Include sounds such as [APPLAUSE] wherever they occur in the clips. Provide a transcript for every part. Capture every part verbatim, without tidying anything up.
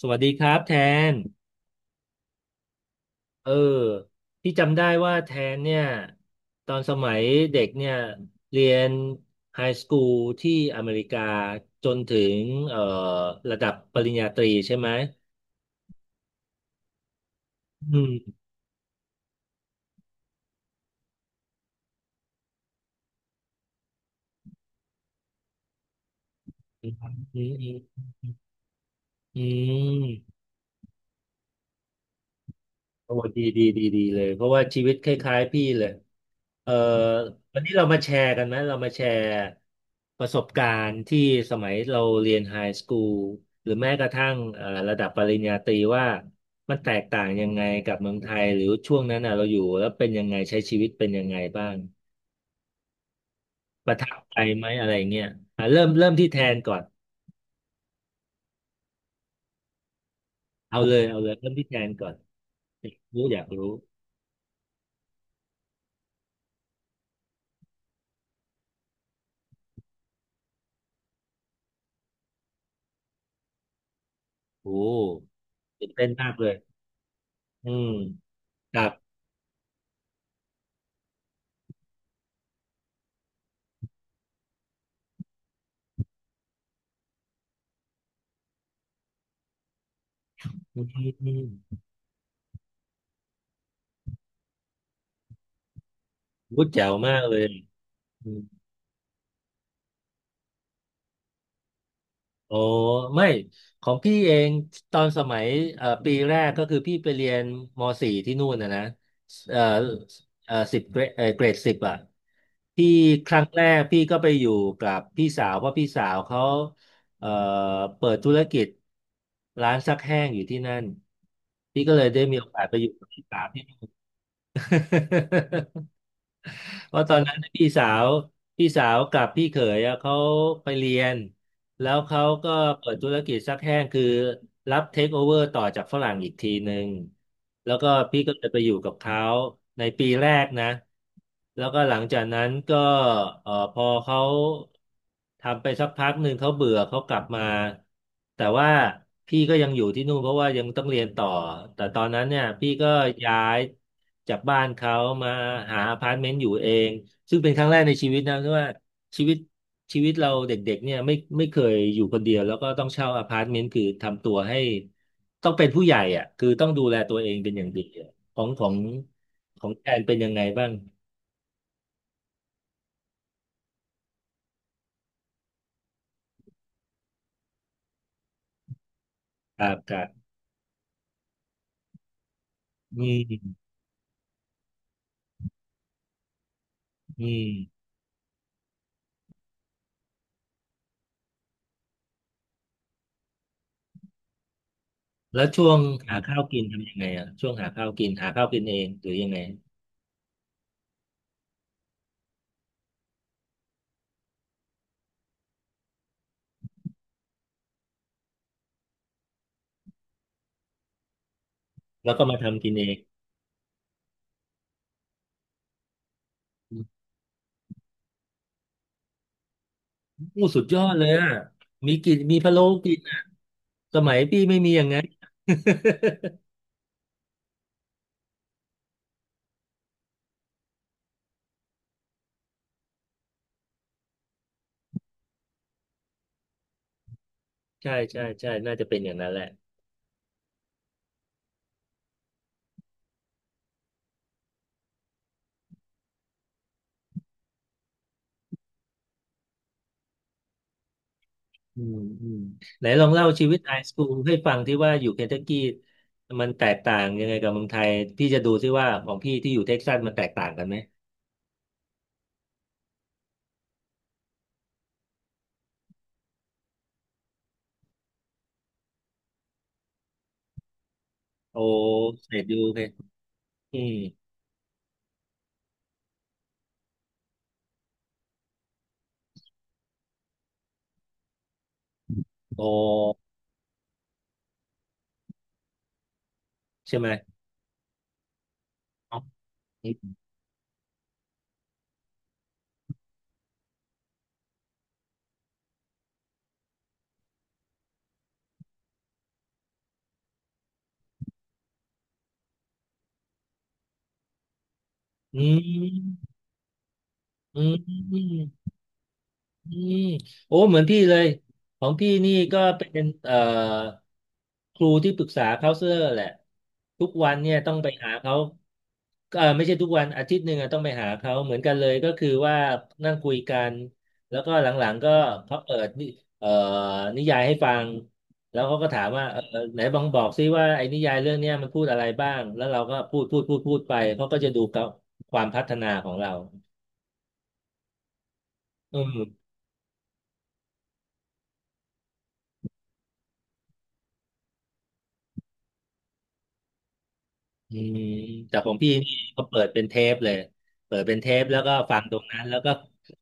สวัสดีครับแทน เออ พี่จำได้ว่าแทนเนี่ยตอนสมัยเด็กเนี่ยเรียนไฮสคูลที่อเมริกาจนถึงเอ่อระดับปริญญาตรีใช่ไหมอืมอืมอืมอืม โอ้ดีดีดีดีเลยเพราะว่าชีวิตคล้ายๆพี่เลยเอ่อวันนี้เรามาแชร์กันไหมเรามาแชร์ประสบการณ์ที่สมัยเราเรียนไฮสคูลหรือแม้กระทั่งเอ่อระดับปริญญาตรีว่ามันแตกต่างยังไงกับเมืองไทยหรือช่วงนั้นน่ะเราอยู่แล้วเป็นยังไงใช้ชีวิตเป็นยังไงบ้างประทับใจไหมอะไรเงี้ยอ่ะเริ่มเริ่มที่แทนก่อนเอาเลยเอาเลยเริ่มที่แทนก่อนอยากรู้อยากรู้โอ้ตื่นเต้นมากเลยอืมครับอืม พูดแจ๋วมากเลยอมโอ้ไม่ของพี่เอง ตอนสมัยเอ่อปีแรกก็คือพี่ไปเรียนมอสี่ที่นู่นนะนะเอ่อเอ่อสิบเกรดเอ่อเกรดสิบอ่ะพี่ครั้งแรกพี่ก็ไปอยู่กับพี่สาวเพราะพี่สาวเขาเอ่อเปิดธุรกิจร้านซักแห้งอยู่ที่นั่น พี่ก็เลยได้มีโอกาสไปอยู่กับพี่สาวที่นู่น [LAUGHS] เพราะตอนนั้นพี่สาวพี่สาวกับพี่เขยอะเขาไปเรียน แล้วเขาก็เปิดธุรกิจซักแห้งคือรับเทคโอเวอร์ต่อจากฝรั่งอีกทีหนึ่งแล้วก็พี่ก็เลยไปอยู่กับเขาในปีแรกนะแล้วก็หลังจากนั้นก็เอ่อพอเขาทำไปสักพักหนึ่งเขาเบื่อเขากลับมาแต่ว่าพี่ก็ยังอยู่ที่นู่นเพราะว่ายังต้องเรียนต่อแต่ตอนนั้นเนี่ยพี่ก็ย้ายจากบ้านเขามาหาอพาร์ตเมนต์อยู่เองซึ่งเป็นครั้งแรกในชีวิตนะที่ว่า ชีวิตชีวิตเราเด็กๆเนี่ยไม่ไม่เคยอยู่คนเดียวแล้วก็ต้องเช่าอพาร์ตเมนต์คือทำตัวให้ต้องเป็นผู้ใหญ่อ่ะคือต้องดูแลตัวเองเป็นอย่างดีอะของของของแอนเป็นยังไงบ้างครับครับอืมอืมแล้วช่วงหาข้าวกินทำยังไงอ่ะช่วงหาข้าวกินหาข้าวกินเองหรือยังไงแล้วก็มาทำกินเองอู้สุดยอดเลยอ่ะมีกินมีพะโล้กินอ่ะสมัยพี่ไม่มีอย่างนั้นใช่ใช่ใช่น่าจะเป็นอย่างนั้นแหละ อืมอืมไหนลองเล่าชีวิตไอสคูลให้ฟังที่ว่าอยู่เคนทักกี้มันแตกต่างยังไงกับเมืองไทยพี่จะดูที่ว่าของพี่ที่อยู่เท็กซัสมันแตกต่างกันไหมโอเสร็จดูเลยอืมโอใช่ไหมอืมอืมอืม อืมโอ้เหมือนพี่เลยของพี่นี่ก็เป็นเอ่อครูที่ปรึกษาเคาเซอร์แหละทุกวันเนี่ยต้องไปหาเขาเออไม่ใช่ทุกวันอาทิตย์หนึ่งอะต้องไปหาเขาเหมือนกันเลยก็คือว่านั่งคุยกันแล้วก็หลังๆก็เขาเปิดนิเอ่อนิยายให้ฟังแล้วเขาก็ถามว่าเออไหนบองบอกซิว่าไอ้นิยายเรื่องเนี้ยมันพูดอะไรบ้างแล้วเราก็พูดพูดพูดพูดไปเขาก็จะดูกับความพัฒนาของเราอืม อืมแต่ของพี่นี่ก็เปิดเป็นเทปเลยเปิดเป็นเทปแล้วก็ฟังตรงนั้นแล้วก็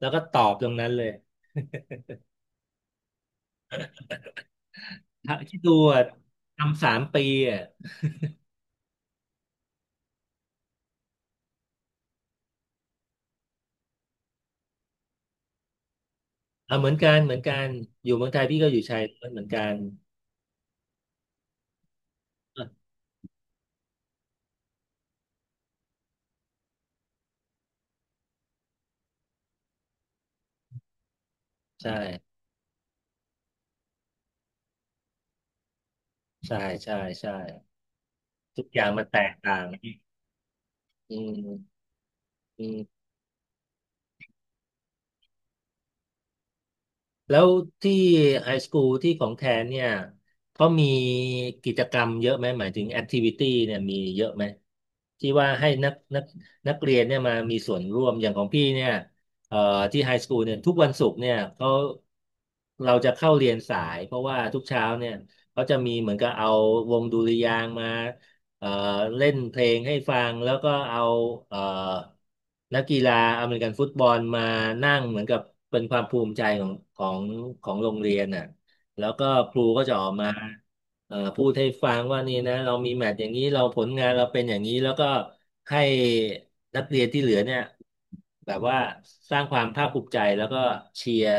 แล้วก็ตอบตรงนั้นเลยถ้าคิดดูอะทำสามปีอ่ะเอาเหมือนกันเหมือนกันอยู่เมืองไทยพี่ก็อยู่ชายล้วนเหมือนกันใช่ใช่ใช่ใช่ทุกอย่างมันแตกต่างอืมอืม แล้วที่ไฮสคูลที่ของแทนเนี่ยเขามีกิจกรรมเยอะไหมหมายถึงแอคทิวิตี้เนี่ยมีเยอะไหมที่ว่าให้นักนักนักเรียนเนี่ยมามีส่วนร่วมอย่างของพี่เนี่ยเอ่อที่ไฮสคูลเนี่ยทุกวันศุกร์เนี่ยเขาเราจะเข้าเรียนสายเพราะว่าทุกเช้าเนี่ยเขาจะมีเหมือนกับเอาวงดุริยางค์มา เอ่อเล่นเพลงให้ฟังแล้วก็เอาเอ่อนักกีฬาอเมริกันฟุตบอลมานั่งเหมือนกับเป็นความภูมิใจของของของโรงเรียนน่ะแล้วก็ครูก็จะออกมาเอ่อพูดให้ฟังว่านี่นะเรามีแมตช์อย่างนี้เราผลงานเราเป็นอย่างนี้แล้วก็ให้นักเรียนที่เหลือเนี่ยแบบว่าสร้างความภาคภูมิใจแล้วก็เชียร์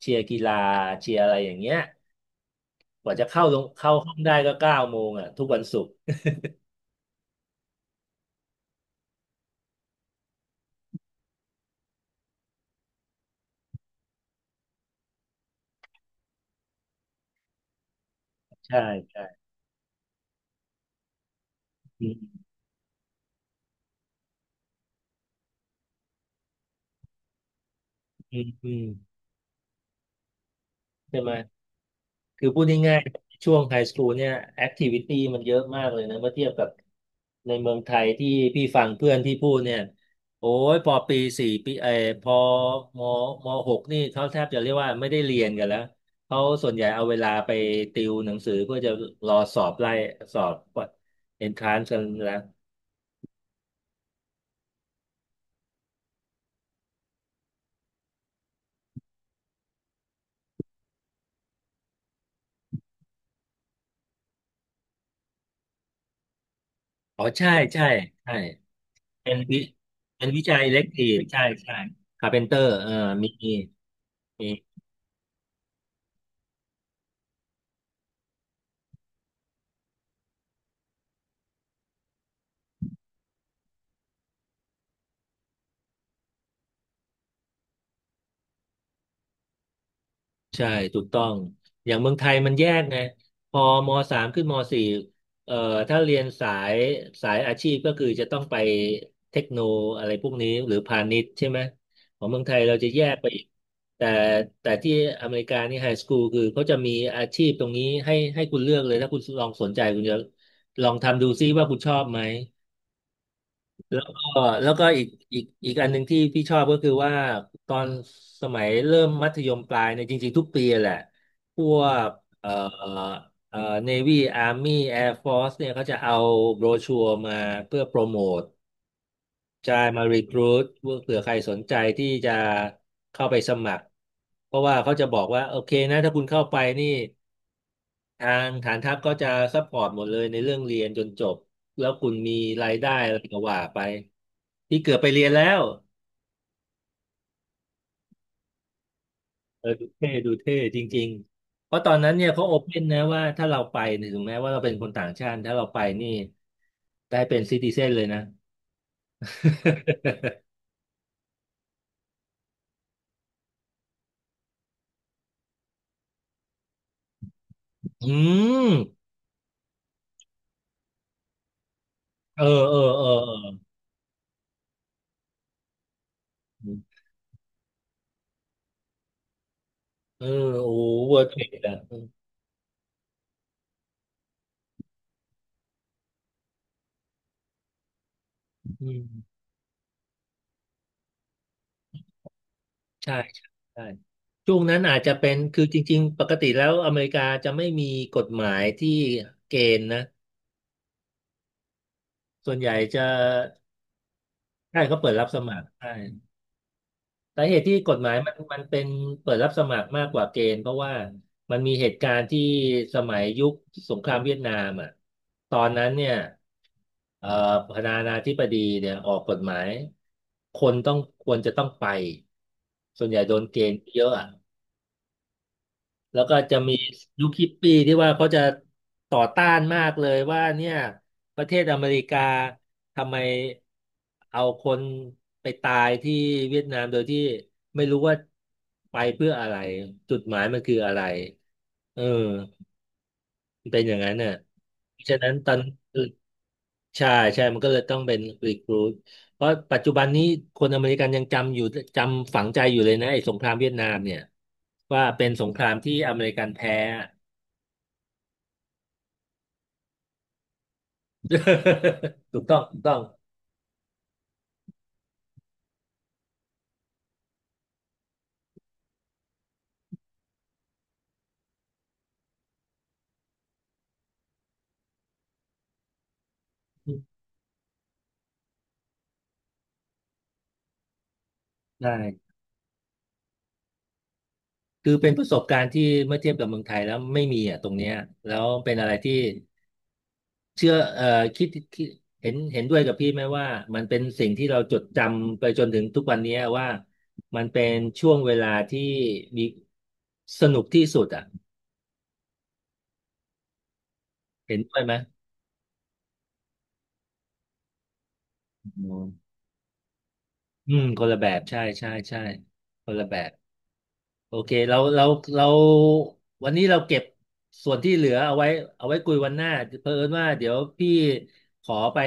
เชียร์กีฬาเชียร์อะไรอย่างเงี้ยกว่าจะเข้าลงเข้าห้องได้ก็เก้าโมงอ่ะทุกวันศุกร์ ใช่ใช่อืมอืมอืมใช่ไหมคือพูดง่ายๆช่วงไฮสคูลเนี่ยแอคทิวิตี้มันเยอะมากเลยนะเมื่อเทียบกับในเมืองไทยที่พี่ฟังเพื่อนที่พูดเนี่ยโอ้ยพอปีสี่ปีเออพอมมหกนี่เขาแทบจะเรียกว่าไม่ได้เรียนกันแล้วเขาส่วนใหญ่เอาเวลาไปติวหนังสือเพื่อจะรอสอบไล่สอบเอนทรานซ์กันแล้วอ๋อใช่ใช่ใช่เป็นวิเป็นวิจัยเล็กทีฟใช่ใช่คาเพนเตอร์เออมีมี ใช่ถูกต้องอย่างเมืองไทยมันแยกไงพอมสามขึ้นมสี่เอ่อถ้าเรียนสายสายอาชีพก็คือจะต้องไปเทคโนอะไรพวกนี้หรือพาณิชย์ใช่ไหมของเมืองไทยเราจะแยกไปอีกแต่แต่ที่อเมริกานี่ไฮสคูลคือเขาจะมีอาชีพตรงนี้ให้ให้คุณเลือกเลยถ้าคุณลองสนใจคุณจะลองทำดูซิว่าคุณชอบไหม แล้วก็แล้วก็อีกอีกอีกอันหนึ่งที่พี่ชอบก็คือว่าตอนสมัยเริ่มมัธยมปลายเนี่ยจริงๆทุกปีแหละพวกเอ่อเอ่อเนวี่อาร์มี่แอร์ฟอสเนี่ยเขาจะเอาโบรชัวร์มาเพื่อโปรโมทใช่มารีครูทเผื่อใครสนใจที่จะเข้าไปสมัครเพราะว่าเขาจะบอกว่าโอเคนะถ้าคุณเข้าไปนี่ ทางฐานทัพก็จะซัพพอร์ตหมดเลยในเรื่องเรียนจนจบแล้วคุณมีรายได้อะไรก็ว่าไปที่เกือบไปเรียนแล้วเออดูเท่ดูเท่จริงๆเพราะตอนนั้นเนี่ยเขาโอเพ่นนะว่าถ้าเราไปเนี่ยถึงแม้ว่าเราเป็นคนต่างชาติถ้าเราไปนี่ได้เป็นซิติเซนเลยนะ [LAUGHS] อืมเออเออเออเออเออโอ้เวอร์เทรดอ่ะอืม ใช่ใช่ใช่ช่วงนั้นอาจจะเป็นคือจริงๆปกติแล้วอเมริกาจะไม่มีกฎหมายที่เกณฑ์นะส่วนใหญ่จะใช่เขาเปิดรับสมัครใช่สาเหตุที่กฎหมายมันมันเป็นเปิดรับสมัครมากกว่าเกณฑ์เพราะว่ามันมีเหตุการณ์ที่สมัยยุคสงครามเวียดนามอ่ะตอนนั้นเนี่ยเอ่อประธานาธิบดีเนี่ยออกกฎหมายคนต้องควรจะต้องไปส่วนใหญ่โดนเกณฑ์เยอะอะ แล้วก็จะมียุคฮิปปี้ที่ว่าเขาจะต่อต้านมากเลยว่าเนี่ยประเทศอเมริกาทำไมเอาคนไปตายที่เวียดนามโดยที่ไม่รู้ว่าไปเพื่ออะไรจุดหมายมันคืออะไรเออมันเป็นอย่างนั้นน่ะเพราะฉะนั้นตอนใช่ใช่มันก็เลยต้องเป็นรีครูทเพราะปัจจุบันนี้คนอเมริกันยังจำอยู่จำฝังใจอยู่เลยนะไอ้สงครามเวียดนามเนี่ยว่าเป็นสงครามที่อเมริกันแพ้ [LAUGHS] ถูกต้องถูกต้องใช่คือเป็นประสบการณ์ที่เมื่อเทียบกับเมืองไทยแล้วไม่มีอ่ะตรงเนี้ยแล้วเป็นอะไรที่เชื่อเอ่อคิดคิดเห็นเห็นด้วยกับพี่ไหมว่ามันเป็นสิ่งที่เราจดจำไปจนถึงทุกวันเนี้ยว่ามันเป็นช่วงเวลาที่มีสนุกที่สุดอ่ะเห็นด้วยไหมอืมอืมคนละแบบใช่ ใช่ใช่คนละแบบ โอเคเราเราเราวันนี้เราเก็บส่วนที่เหลือเอาไว้เอาไว้คุยวันหน้าเผอิญว่าเดี๋ยวพี่ขอไป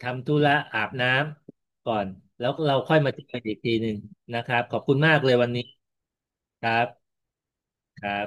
ทำธุระอาบน้ำก่อนแล้วเราค่อยมาเจอกันอีกทีหนึ่งนะครับขอบคุณมากเลยวันนี้ครับครับ